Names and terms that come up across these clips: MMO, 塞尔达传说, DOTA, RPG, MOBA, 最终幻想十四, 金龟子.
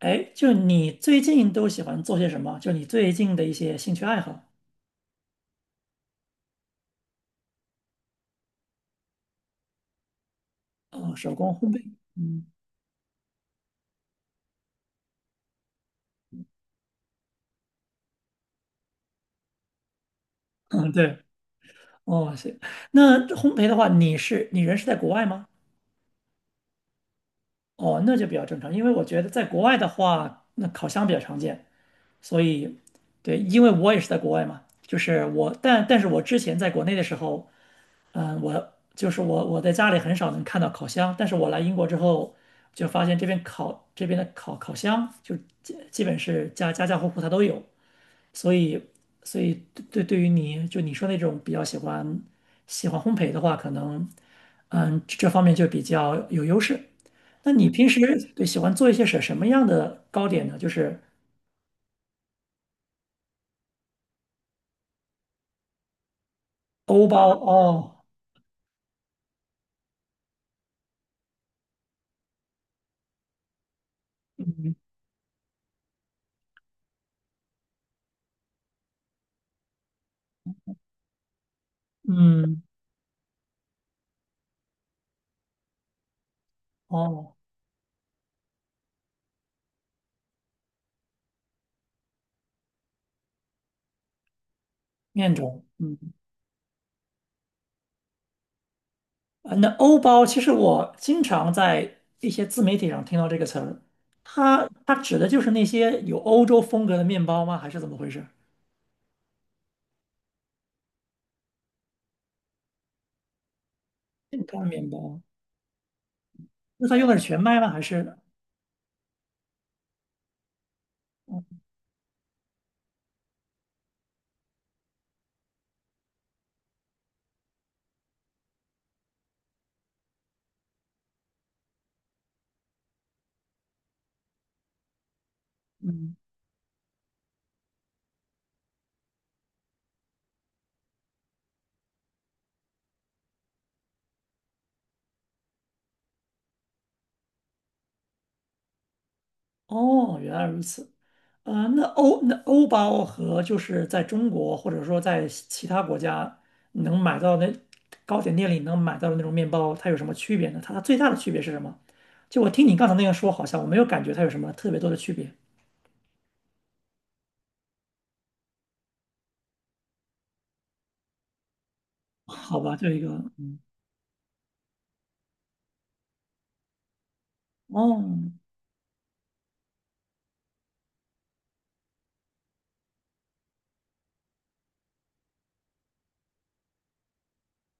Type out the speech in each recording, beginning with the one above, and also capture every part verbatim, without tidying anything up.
哎，就你最近都喜欢做些什么？就你最近的一些兴趣爱好？哦，手工烘焙。嗯嗯，对。哦，行。那这烘焙的话，你是你人是在国外吗？哦，那就比较正常，因为我觉得在国外的话，那烤箱比较常见，所以对，因为我也是在国外嘛，就是我，但但是我之前在国内的时候。嗯，我就是我我在家里很少能看到烤箱，但是我来英国之后就发现这边烤这边的烤烤箱就基基本是家家家户户它都有，所以所以对对对于你就你说那种比较喜欢喜欢烘焙的话，可能嗯这这方面就比较有优势。那你平时，对，喜欢做一些什什么样的糕点呢？就是欧包哦，嗯，哦，面种，嗯。呃，那欧包其实我经常在一些自媒体上听到这个词儿，它它指的就是那些有欧洲风格的面包吗？还是怎么回事？干面包？那它用的是全麦吗？还是？哦，原来如此。啊，那欧那欧包和就是在中国或者说在其其他国家能买到的糕点店里能买到的那种面包，它有什么区别呢？它最大的区别是什么？就我听你刚才那样说，好像我没有感觉它有什么特别多的区别。好吧，就一个哦，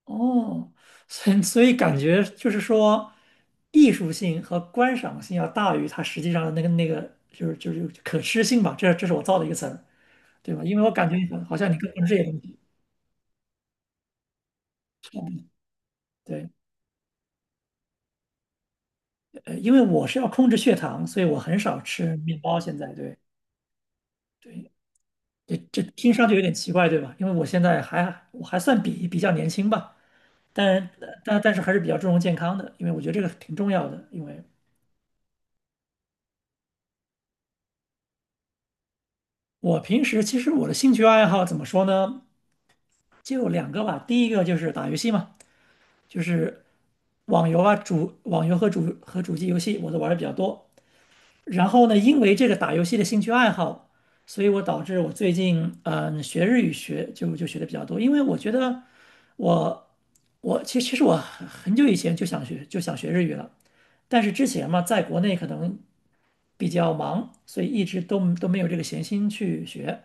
哦，所以所以感觉就是说，艺术性和观赏性要大于它实际上的那个那个，就是就是可吃性吧。这这是我造的一个词儿，对吧？因为我感觉好像你更关注这些东西差不多。对，呃，因为我是要控制血糖，所以我很少吃面包。现在，对。对，这这听上去有点奇怪，对吧？因为我现在还我还算比比较年轻吧，但但但是还是比较注重健康的，因为我觉得这个挺重要的。因为我平时，其实我的兴趣爱好怎么说呢？就两个吧。第一个就是打游戏嘛，就是网游啊，主网游和主和主机游戏我都玩的比较多。然后呢，因为这个打游戏的兴趣爱好，所以我导致我最近嗯呃学日语学就就学的比较多，因为我觉得我我其实其实我很很久以前就想学就想学日语了，但是之前嘛，在国内可能。比较忙，所以一直都都没有这个闲心去学。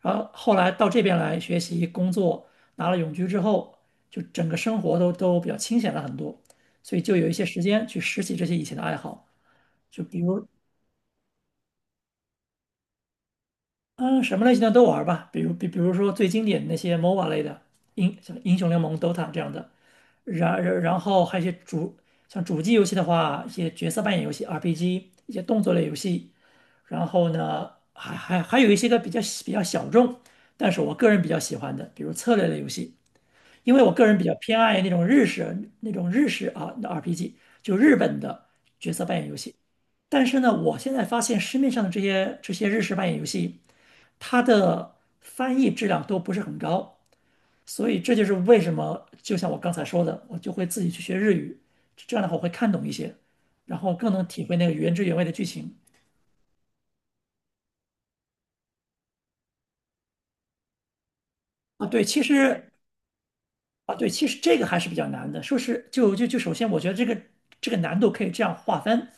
然后后来到这边来学习工作，拿了永居之后，就整个生活都都比较清闲了很多，所以就有一些时间去拾起这些以前的爱好，就比如嗯什么类型的都玩吧，比如比比如说最经典的那些 MOBA 类的英像英雄联盟、DOTA 这样的，然然然后还有一些主像主机游戏的话，一些角色扮演游戏、R P G，一些动作类游戏。然后呢，还还还有一些个比较比较小众，但是我个人比较喜欢的，比如策略类游戏，因为我个人比较偏爱那种日式那种日式啊的 R P G，就日本的角色扮演游戏。但是呢，我现在发现市面上的这些这些日式扮演游戏，它的翻译质量都不是很高，所以这就是为什么，就像我刚才说的，我就会自己去学日语，这样的话我会看懂一些，然后更能体会那个原汁原味的剧情。啊，对，其实啊，对，其实这个还是比较难的。说是就就就首先，我觉得这个这个难度可以这样划分：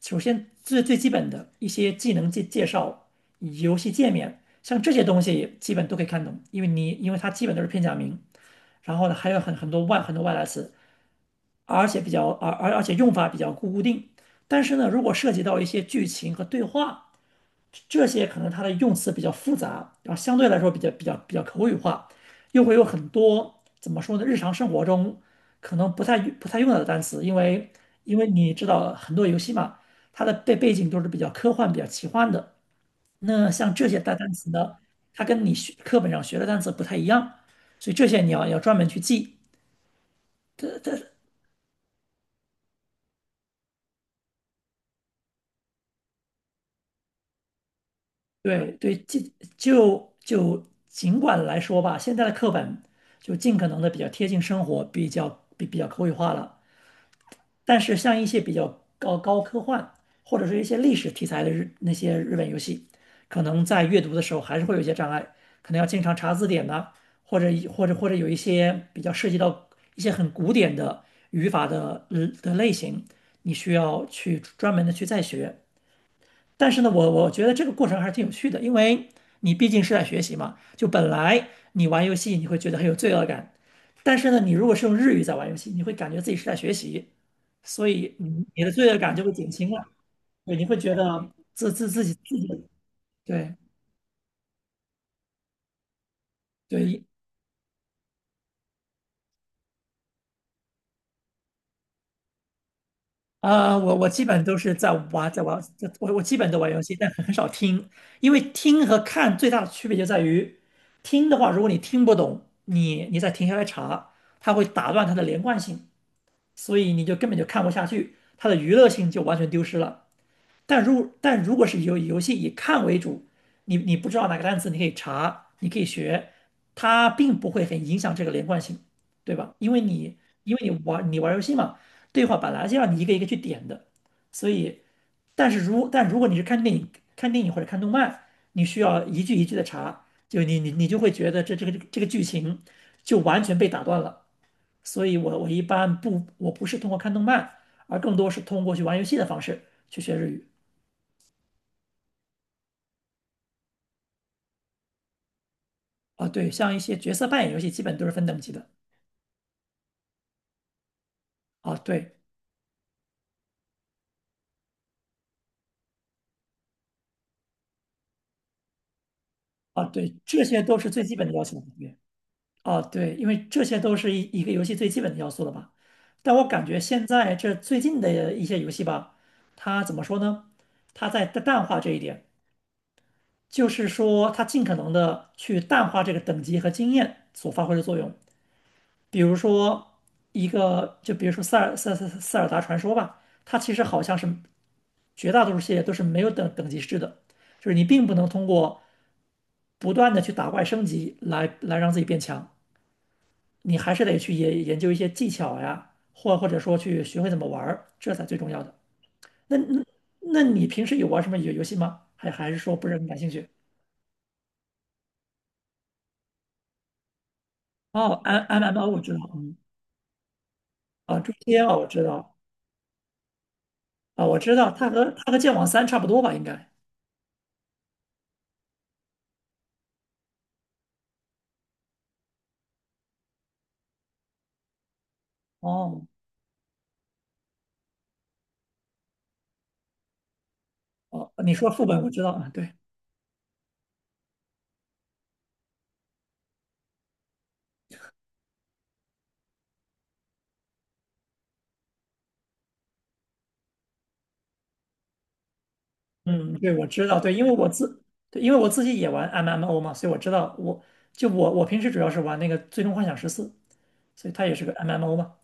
首先最最基本的一些技能介介绍、游戏界面，像这些东西基本都可以看懂，因为你因为它基本都是片假名。然后呢，还有很很多外很多外来词，而且比较而而而且用法比较固固定。但是呢，如果涉及到一些剧情和对话，这些可能它的用词比较复杂，然后相对来说比较比较比较口语化，又会有很多怎么说呢？日常生活中可能不太不太用到的单词，因为因为你知道很多游戏嘛，它的背背景都是比较科幻、比较奇幻的。那像这些单单词呢，它跟你学课本上学的单词不太一样，所以这些你要要专门去记。它它对对，尽就就尽管来说吧，现在的课本就尽可能的比较贴近生活，比较比比较口语化了。但是像一些比较高高科幻或者是一些历史题材的日那些日本游戏，可能在阅读的时候还是会有一些障碍，可能要经常查字典呐、或者或者或者有一些比较涉及到一些很古典的语法的呃的类型，你需要去专门的去再学。但是呢，我我觉得这个过程还是挺有趣的，因为你毕竟是在学习嘛。就本来你玩游戏你会觉得很有罪恶感，但是呢，你如果是用日语在玩游戏，你会感觉自己是在学习，所以你你的罪恶感就会减轻了。对，你会觉得自自自己自己对对。啊，我我基本都是在玩在玩，在我我基本都玩游戏，但很少听，因为听和看最大的区别就在于，听的话，如果你听不懂，你你再停下来查，它会打断它的连贯性。所以你就根本就看不下去，它的娱乐性就完全丢失了。但如但如果是游游戏以看为主，你你不知道哪个单词，你可以查，你可以学，它并不会很影响这个连贯性，对吧？因为你因为你玩你玩游戏嘛，对话本来就要你一个一个去点的，所以，但是如但如果你是看电影看电影或者看动漫，你需要一句一句的查，就你你你就会觉得这这个这个剧情就完全被打断了。所以我我一般不，我不是通过看动漫，而更多是通过去玩游戏的方式去学日语。啊，对，像一些角色扮演游戏，基本都是分等级的。啊，对，啊，对，这些都是最基本的要求了。对，啊，对，因为这些都是一一个游戏最基本的要素了吧？但我感觉现在这最近的一些游戏吧，它怎么说呢？它在淡化这一点，就是说它尽可能的去淡化这个等级和经验所发挥的作用。比如说一个，就比如说塞尔塞塞塞尔达传说吧，它其实好像是绝大多数系列都是没有等等级制的，就是你并不能通过不断的去打怪升级来来让自己变强，你还是得去研研究一些技巧呀，或或者说去学会怎么玩儿，这才最重要的。那那那你平时有玩什么游游戏吗？还还是说不是很感兴趣？哦，M M M O 我知道，嗯，啊，诛仙啊我知道，啊我知道，它和它和剑网三差不多吧，应该。哦哦，你说副本我知道啊，对，嗯，嗯对，我知道，对，因为我自，对，因为我自己也玩 M M O 嘛，所以我知道我，就我我平时主要是玩那个《最终幻想十四》，所以它也是个 M M O 嘛，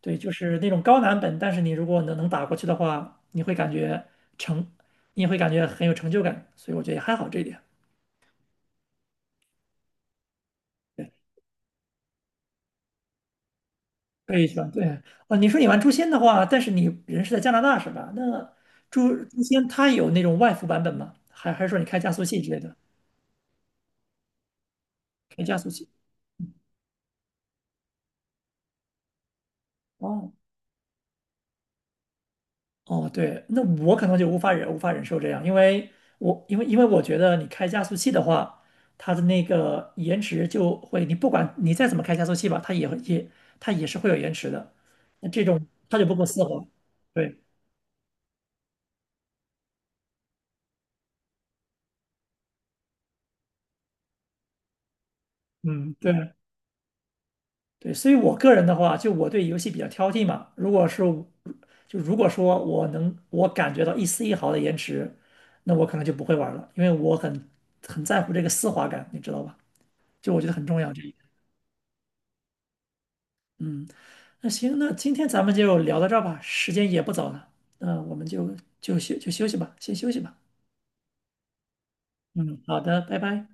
对，就是那种高难本，但是你如果能能打过去的话，你会感觉成，你也会感觉很有成就感，所以我觉得也还好这一点，对，可以是吧？对，哦，你说你玩《诛仙》的话，但是你人是在加拿大是吧？那诛诛仙它有那种外服版本吗？还还是说你开加速器之类的，开加速器？哦。哦，对，那我可能就无法忍无法忍受这样，因为我因为因为我觉得你开加速器的话，它的那个延迟就会，你不管你再怎么开加速器吧，它也会也它也是会有延迟的。那这种它就不够丝滑。对，嗯，对对，所以我个人的话，就我对游戏比较挑剔嘛。如果是就如果说我能我感觉到一丝一毫的延迟，那我可能就不会玩了，因为我很很在乎这个丝滑感，你知道吧？就我觉得很重要这一点。嗯，那行，那今天咱们就聊到这儿吧，时间也不早了，那我们就就休就休息吧，先休息吧。嗯，好的，拜拜。